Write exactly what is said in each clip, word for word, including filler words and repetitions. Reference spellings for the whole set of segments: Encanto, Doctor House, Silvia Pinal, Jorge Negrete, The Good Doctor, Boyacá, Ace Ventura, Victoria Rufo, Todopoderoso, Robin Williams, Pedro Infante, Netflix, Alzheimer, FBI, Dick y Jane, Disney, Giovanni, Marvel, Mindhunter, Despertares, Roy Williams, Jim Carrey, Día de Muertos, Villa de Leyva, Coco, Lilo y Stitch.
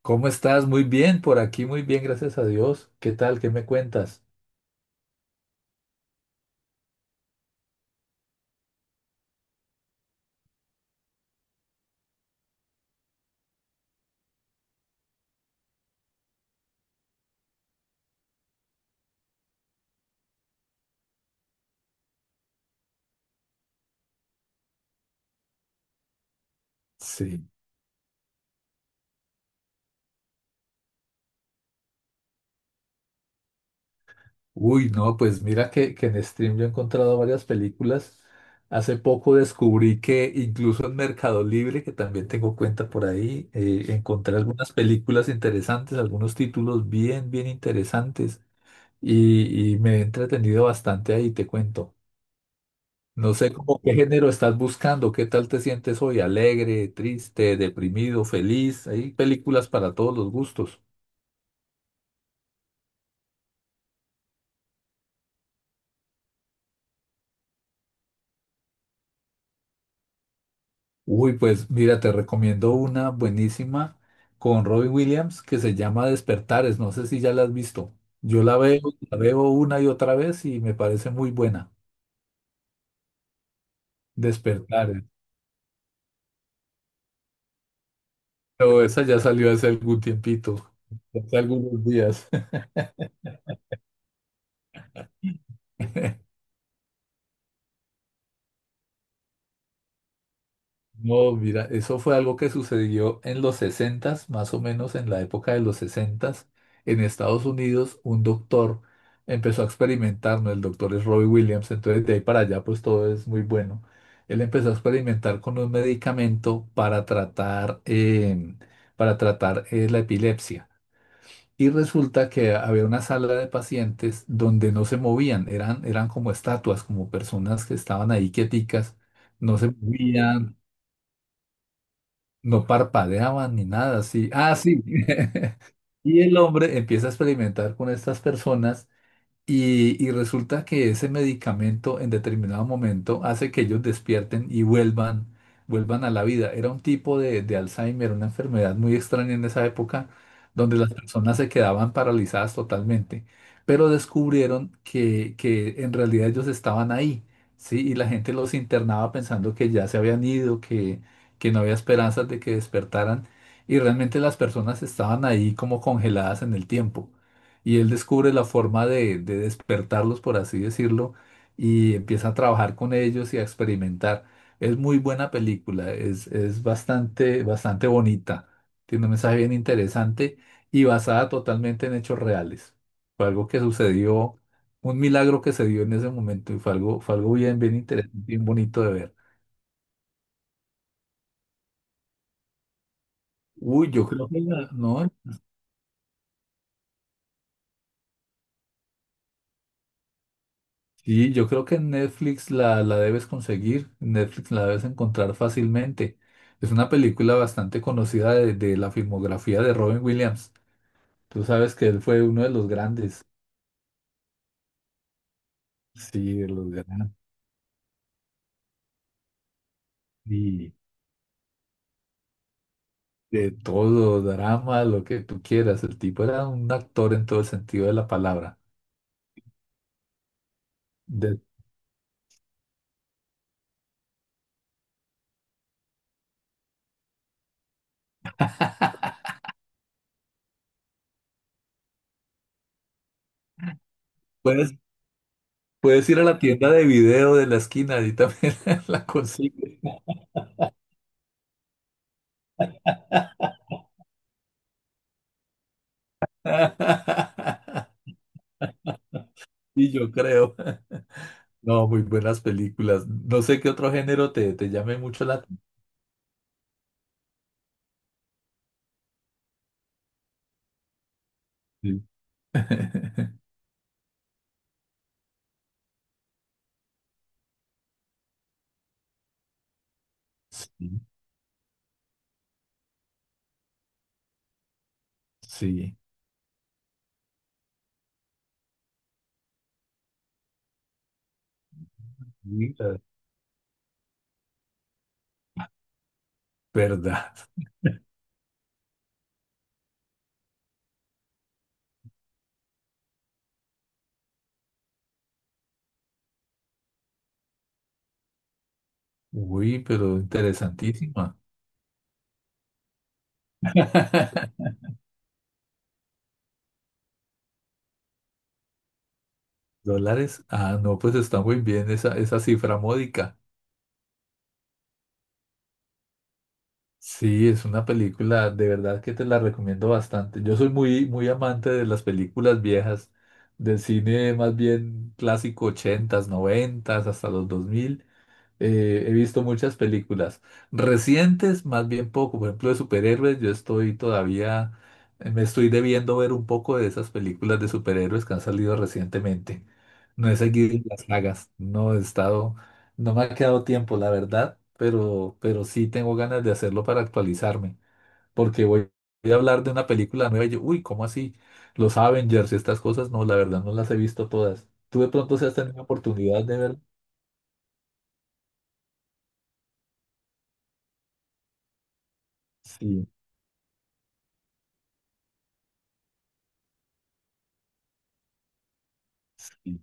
¿Cómo estás? Muy bien, por aquí muy bien, gracias a Dios. ¿Qué tal? ¿Qué me cuentas? Sí. Uy, no, pues mira que, que en Stream yo he encontrado varias películas. Hace poco descubrí que incluso en Mercado Libre, que también tengo cuenta por ahí, eh, encontré algunas películas interesantes, algunos títulos bien, bien interesantes y, y me he entretenido bastante ahí, te cuento. No sé cómo qué género estás buscando, qué tal te sientes hoy, alegre, triste, deprimido, feliz. Hay películas para todos los gustos. Uy, pues mira, te recomiendo una buenísima con Robin Williams que se llama Despertares. No sé si ya la has visto. Yo la veo, la veo una y otra vez y me parece muy buena. Despertares. Pero esa ya salió hace algún tiempito, hace algunos días. No, mira, eso fue algo que sucedió en los sesentas más o menos en la época de los sesentas en Estados Unidos, un doctor empezó a experimentar, ¿no? El doctor es Robbie Williams, entonces de ahí para allá pues todo es muy bueno. Él empezó a experimentar con un medicamento para tratar, em, para tratar eh, la epilepsia. Y resulta que había una sala de pacientes donde no se movían, eran, eran como estatuas, como personas que estaban ahí quieticas no se movían, no parpadeaban ni nada, sí. Ah, sí. Y el hombre empieza a experimentar con estas personas y, y resulta que ese medicamento en determinado momento hace que ellos despierten y vuelvan, vuelvan a la vida. Era un tipo de, de Alzheimer, una enfermedad muy extraña en esa época, donde las personas se quedaban paralizadas totalmente. Pero descubrieron que, que en realidad ellos estaban ahí, ¿sí? Y la gente los internaba pensando que ya se habían ido, que, que no había esperanzas de que despertaran. Y realmente las personas estaban ahí como congeladas en el tiempo y él descubre la forma de, de despertarlos, por así decirlo, y empieza a trabajar con ellos y a experimentar. Es muy buena película, es, es bastante, bastante bonita, tiene un mensaje bien interesante y basada totalmente en hechos reales. Fue algo que sucedió, un milagro que se dio en ese momento y fue algo, fue algo bien, bien interesante, bien bonito de ver. Uy, yo creo que la- no. Y yo creo que en Netflix la, la debes conseguir, en Netflix la debes encontrar fácilmente. Es una película bastante conocida de, de la filmografía de Robin Williams. Tú sabes que él fue uno de los grandes, sí, de los grandes, y de todo, drama, lo que tú quieras. El tipo era un actor en todo el sentido de la palabra. Después puedes ir a la tienda de video de la esquina y también la consigues. Y yo creo. No, muy buenas películas. No sé qué otro género te, te llame mucho la atención. Sí, sí. Sí, ¿verdad? Uy, pero interesantísima. ¿Dólares? Ah, no, pues está muy bien esa, esa cifra módica. Sí, es una película de verdad que te la recomiendo bastante. Yo soy muy, muy amante de las películas viejas, del cine más bien clásico ochentas, noventas, hasta los dos mil. Eh, he visto muchas películas recientes, más bien poco, por ejemplo, de superhéroes. Yo estoy todavía, eh, me estoy debiendo ver un poco de esas películas de superhéroes que han salido recientemente. No he seguido las sagas, no he estado, no me ha quedado tiempo, la verdad, pero, pero sí tengo ganas de hacerlo para actualizarme, porque voy, voy a hablar de una película nueva y yo, uy, ¿cómo así? Los Avengers y estas cosas, no, la verdad no las he visto todas. ¿Tú de pronto si has tenido oportunidad de ver? Sí, sí.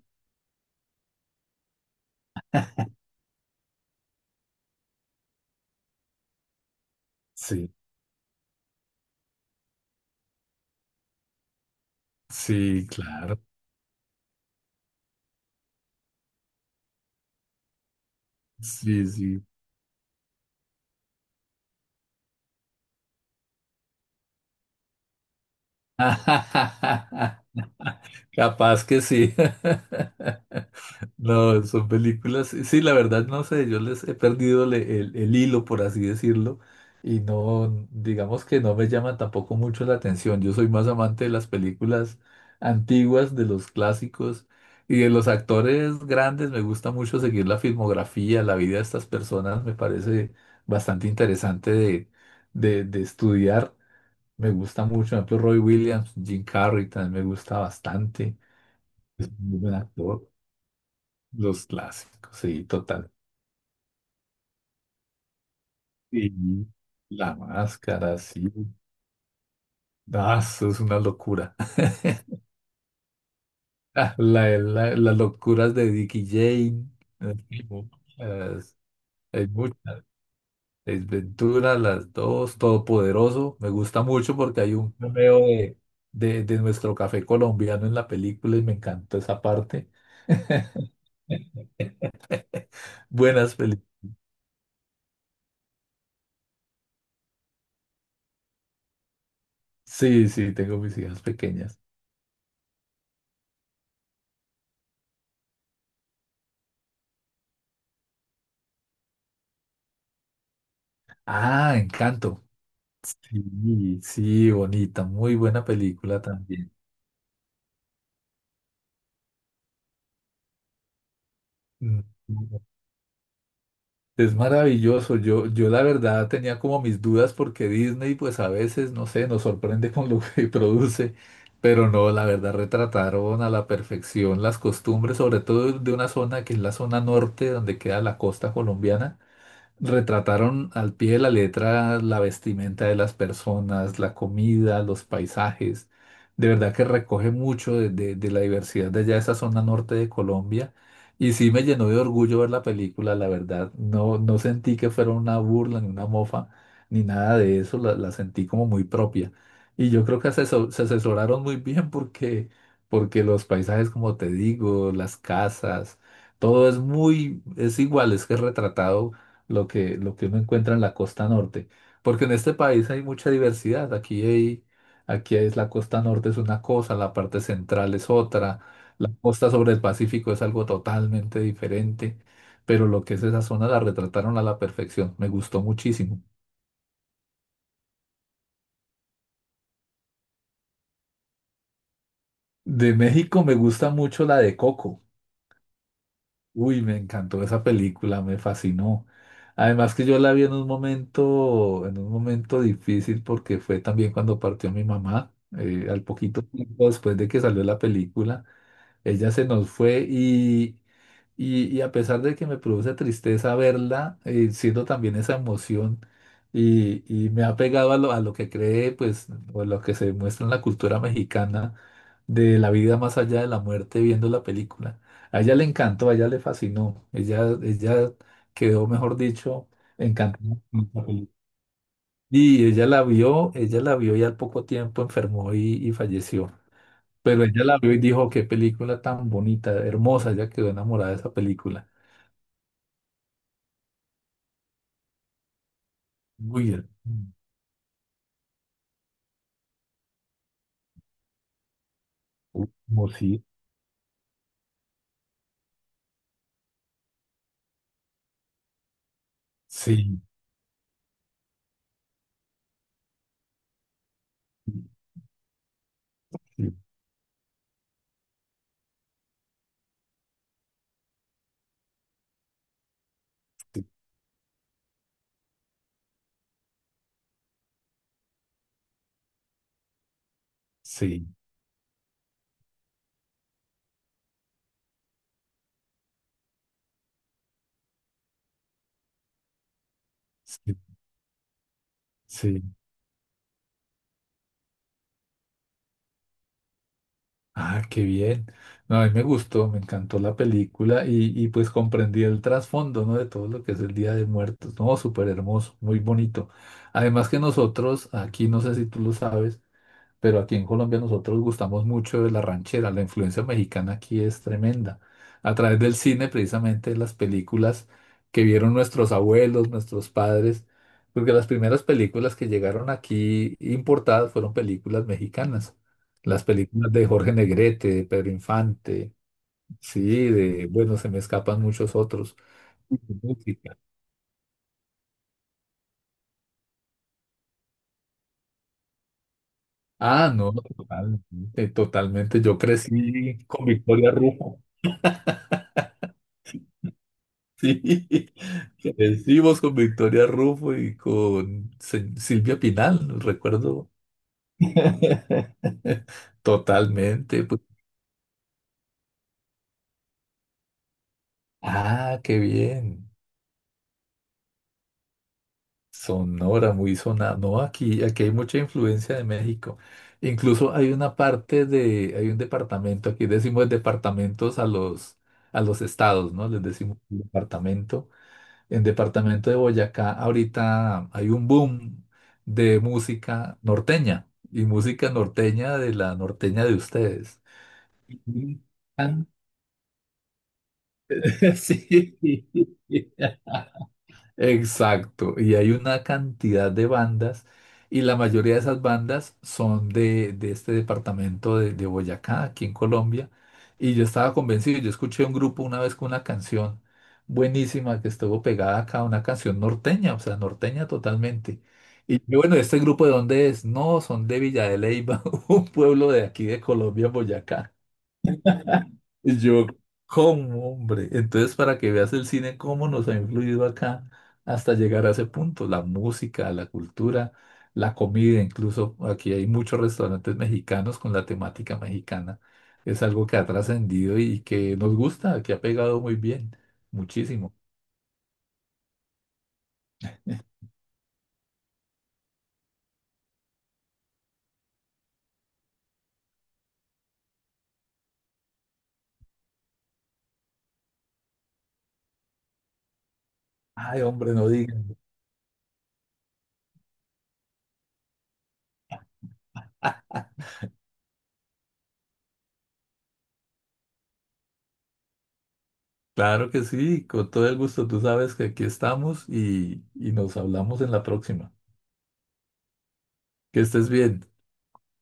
Sí. Sí, claro. Sí, sí. Capaz que sí. No, son películas. Sí, la verdad no sé, yo les he perdido le- el, el hilo, por así decirlo, y no, digamos que no me llaman tampoco mucho la atención. Yo soy más amante de las películas antiguas, de los clásicos y de los actores grandes. Me gusta mucho seguir la filmografía, la vida de estas personas, me parece bastante interesante de, de de estudiar. Me gusta mucho, por ejemplo, Roy Williams, Jim Carrey también me gusta bastante. Es muy buen actor. Los clásicos, sí, total. Y La Máscara, sí. Ah, eso es una locura. Ah, la- la- las locuras de Dick y Jane. Hay muchas, hay muchas. Ace Ventura, las dos, Todopoderoso. Me gusta mucho porque hay un cameo de, de, de nuestro café colombiano en la película y me encantó esa parte. Buenas películas. Sí, sí, tengo mis hijas pequeñas. Ah, Encanto. Sí, sí, bonita, muy buena película también. Mm, mm, es maravilloso. Yo, yo la verdad tenía como mis dudas porque Disney, pues a veces, no sé, nos sorprende con lo que produce, pero no, la verdad retrataron a la perfección las costumbres, sobre todo de una zona que es la zona norte, donde queda la costa colombiana. Retrataron al pie de la letra la vestimenta de las personas, la comida, los paisajes. De verdad que recoge mucho de, de- de la diversidad de allá, esa zona norte de Colombia. Y sí me llenó de orgullo ver la película, la verdad. No, no sentí que fuera una burla ni una mofa, ni nada de eso. La, la sentí como muy propia. Y yo creo que aseso- se asesoraron muy bien porque, porque los paisajes, como te digo, las casas, todo es muy, es igual, es que es retratado lo que, lo que uno encuentra en la costa norte. Porque en este país hay mucha diversidad. Aquí hay, aquí es la costa norte es una cosa, la parte central es otra, la costa sobre el Pacífico es algo totalmente diferente. Pero lo que es esa zona la retrataron a la perfección. Me gustó muchísimo. De México me gusta mucho la de Coco. Uy, me encantó esa película, me fascinó. Además que yo la vi en un momento, en un momento, difícil porque fue también cuando partió mi mamá, eh, al poquito tiempo después de que salió la película. Ella se nos fue y, y, y a pesar de que me produce tristeza verla, eh, siento también esa emoción y, y me ha pegado a lo, a lo que cree, pues, o lo que se muestra en la cultura mexicana de la vida más allá de la muerte viendo la película. A ella le encantó, a ella le fascinó, ella, ella quedó, mejor dicho, encantada con esta película. Y ella la vio, ella la vio y al poco tiempo enfermó y, y falleció. Pero ella la vio y dijo, qué película tan bonita, hermosa, ella quedó enamorada de esa película. Uy, her- uy, como sí, sí, sí, sí, sí, sí, sí. Ah, qué bien. No, a mí me gustó, me encantó la película y, y pues comprendí el trasfondo, ¿no? De todo lo que es el Día de Muertos, ¿no? Súper hermoso, muy bonito. Además que nosotros, aquí no sé si tú lo sabes, pero aquí en Colombia nosotros gustamos mucho de la ranchera, la influencia mexicana aquí es tremenda. A través del cine, precisamente las películas que vieron nuestros abuelos, nuestros padres, porque las primeras películas que llegaron aquí importadas fueron películas mexicanas. Las películas de Jorge Negrete, de Pedro Infante, sí, de, bueno, se me escapan muchos otros. Música. Ah, no, totalmente, totalmente. Yo crecí con Victoria Rufo. Sí, que vencimos con Victoria Rufo y con Se- Silvia Pinal, recuerdo totalmente, pues. Ah, qué bien. Sonora, muy sonada. No, aquí, aquí hay mucha influencia de México. Incluso hay una parte de, hay un departamento, aquí decimos departamentos a los, a los estados, ¿no? Les decimos departamento. En departamento de Boyacá, ahorita hay un boom de música norteña y música norteña de la norteña de ustedes. Mm. Ah, sí. Exacto, y hay una cantidad de bandas y la mayoría de esas bandas son de, de este departamento de, de Boyacá, aquí en Colombia, y yo estaba convencido, yo escuché un grupo una vez con una canción buenísima que estuvo pegada acá, una canción norteña, o sea, norteña totalmente. Y yo, bueno, ¿este grupo de dónde es? No, son de Villa de Leyva, un pueblo de aquí de Colombia, Boyacá. Y yo, ¿cómo, hombre? Entonces, para que veas el cine, cómo nos ha influido acá hasta llegar a ese punto, la música, la cultura, la comida, incluso aquí hay muchos restaurantes mexicanos con la temática mexicana. Es algo que ha trascendido y que nos gusta, que ha pegado muy bien, muchísimo. Ay, hombre, no digan. Claro que sí, con todo el gusto, tú sabes que aquí estamos y, y nos hablamos en la próxima. Que estés bien.